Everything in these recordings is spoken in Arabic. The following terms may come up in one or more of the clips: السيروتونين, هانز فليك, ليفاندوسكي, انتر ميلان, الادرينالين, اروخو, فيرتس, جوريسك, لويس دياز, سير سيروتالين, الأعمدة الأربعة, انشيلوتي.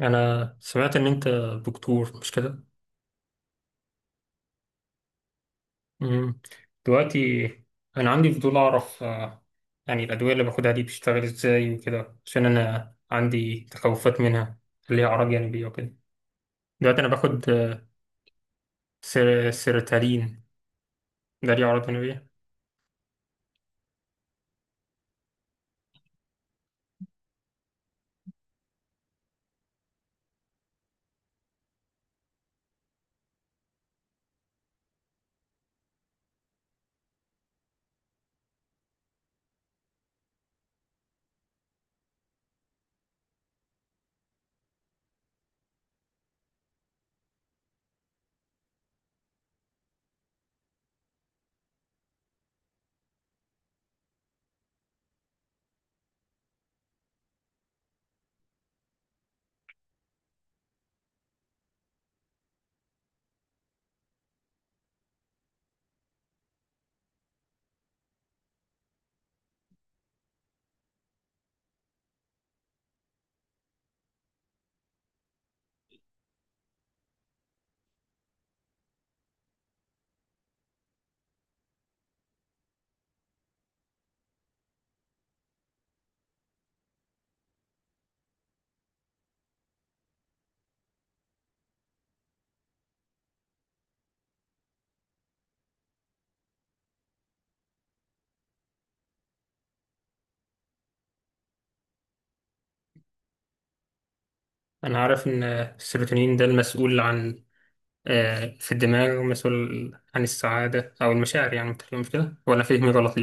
انا سمعت ان انت دكتور مش كده؟ مم. دلوقتي انا عندي فضول اعرف، يعني الادويه اللي باخدها دي بتشتغل ازاي وكده، عشان انا عندي تخوفات منها، ليها اعراض جانبيه وكده. دلوقتي انا باخد، سيروتالين، ده ليه اعراض جانبيه؟ انا عارف ان، السيروتونين ده المسؤول عن، في الدماغ، ومسؤول عن السعاده او المشاعر، يعني مش كده ولا فهمي غلط؟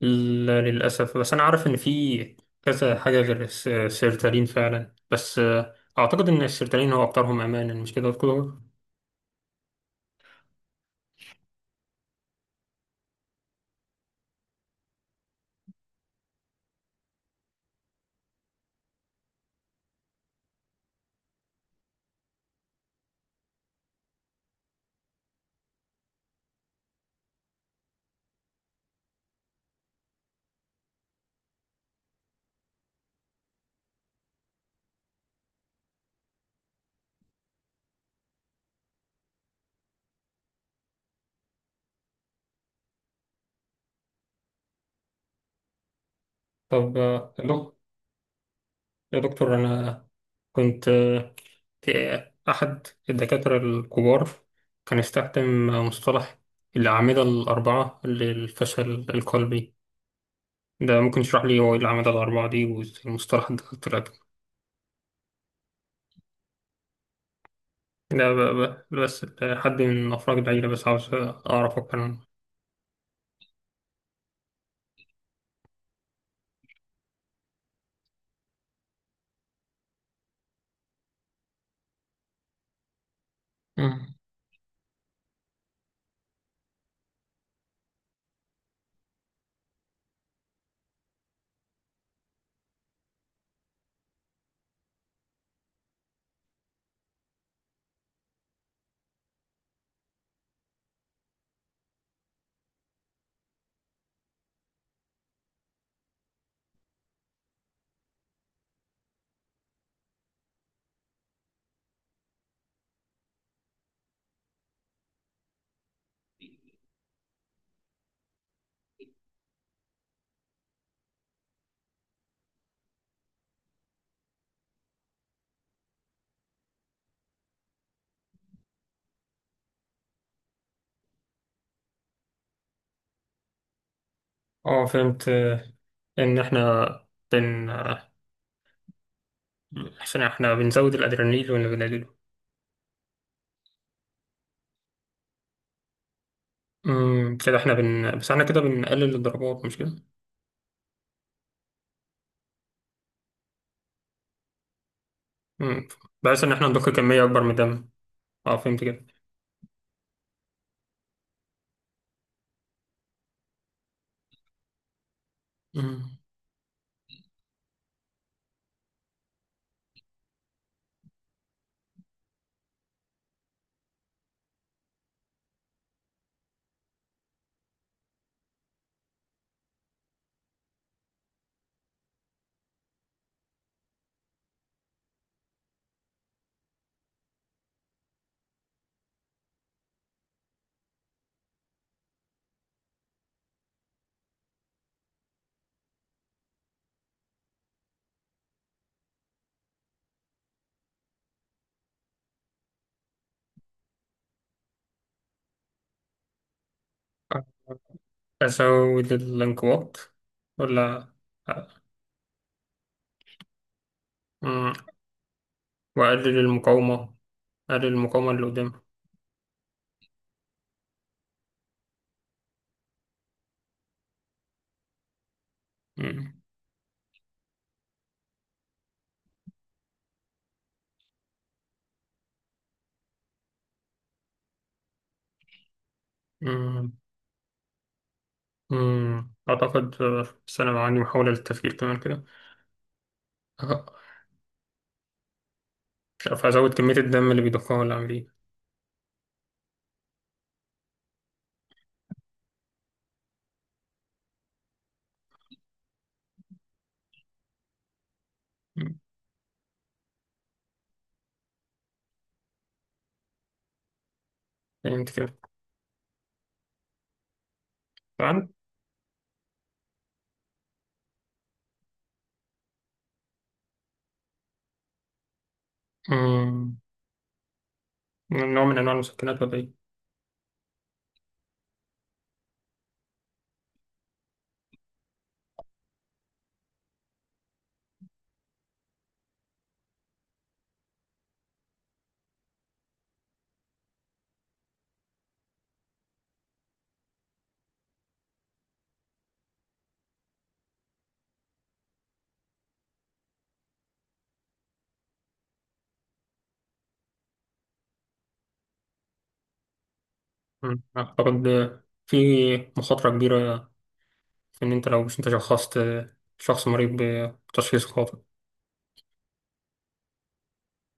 لا للأسف. بس أنا عارف إن في كذا حاجة غير السيرتالين فعلا، بس أعتقد إن السيرتالين هو أكترهم أمانا، مش كده يا دكتور؟ طب يا دكتور، أنا كنت، في أحد الدكاترة الكبار كان استخدم مصطلح الأعمدة الأربعة للفشل القلبي. ده ممكن تشرح لي هو إيه الأعمدة الأربعة دي والمصطلح ده طلع؟ ده بس حد من أفراد العيلة، بس عاوز أعرف أكتر عنه. اه فهمت، ان احنا بن آه، عشان احنا بنزود الادرينالين ولا بنقلله؟ امم، كده احنا بس احنا كده بنقلل الضربات مش كده؟ امم، بحيث ان احنا نضخ كمية اكبر من الدم. اه فهمت كده. امم، ازود الانقباض ولا؟ امم، واقلل المقاومة. اقلل المقاومة اللي قدام. امم. امم. أمم. اعتقد بس انا عندي محاولة للتفكير كمان كده، آه، مش عارف ازود كمية الدم اللي بيضخها ولا اعمل ايه؟ أمم. فهمت كده. طبعا. مم، نوع من أنواع المسكنات ولا إيه؟ مم، أعتقد، في مخاطرة كبيرة في إن أنت، لو مش أنت شخصت، شخص مريض بتشخيص خاطئ.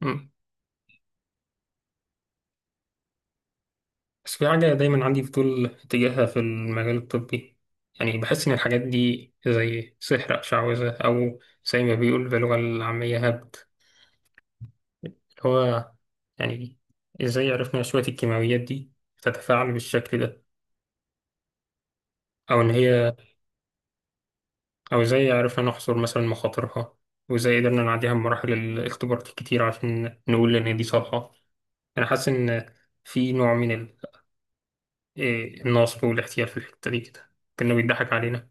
مم. بس في حاجة دايما عندي فضول تجاهها في المجال الطبي، يعني بحس إن الحاجات دي زي سحر أو شعوذة، أو زي ما بيقول باللغة العامية، هبد، اللي هو يعني، إزاي عرفنا شوية الكيماويات دي تتفاعل بالشكل ده، أو إن هي، أو إزاي عرفنا نحصر مثلا مخاطرها، وإزاي قدرنا نعديها بمراحل الاختبارات الكتير عشان نقول إن دي صالحة؟ أنا حاسس إن في نوع من إيه، النصب والاحتيال في الحتة دي كده، كأنه بيضحك علينا.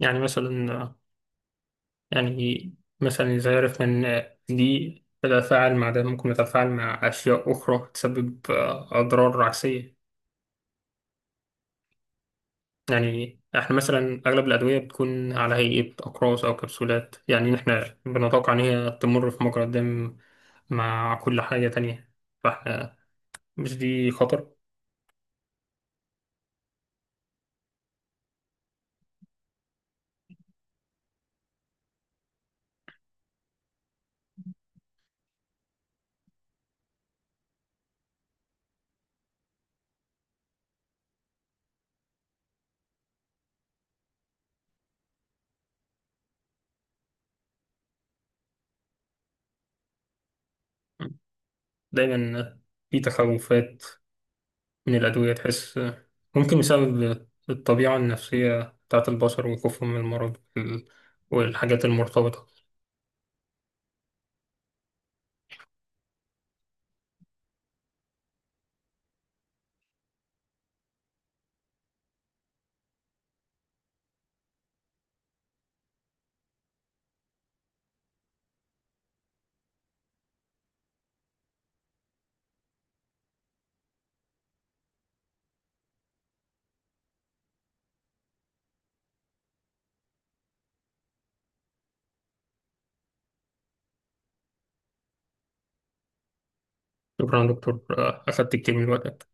يعني مثلا يعني مثلا، إزاي عرفنا إن دي تتفاعل مع ده، ممكن تتفاعل مع أشياء أخرى تسبب، أضرار عكسية؟ يعني احنا مثلا اغلب الادويه بتكون على هيئه اقراص او كبسولات، يعني احنا بنتوقع ان هي تمر في مجرى الدم مع كل حاجه تانية، فاحنا مش دي خطر؟ دايما في تخوفات من الادويه تحس، ممكن بسبب الطبيعه النفسيه بتاعت البشر وخوفهم من المرض والحاجات المرتبطه. شكرا يا دكتور، اخدت كتير من الوقت.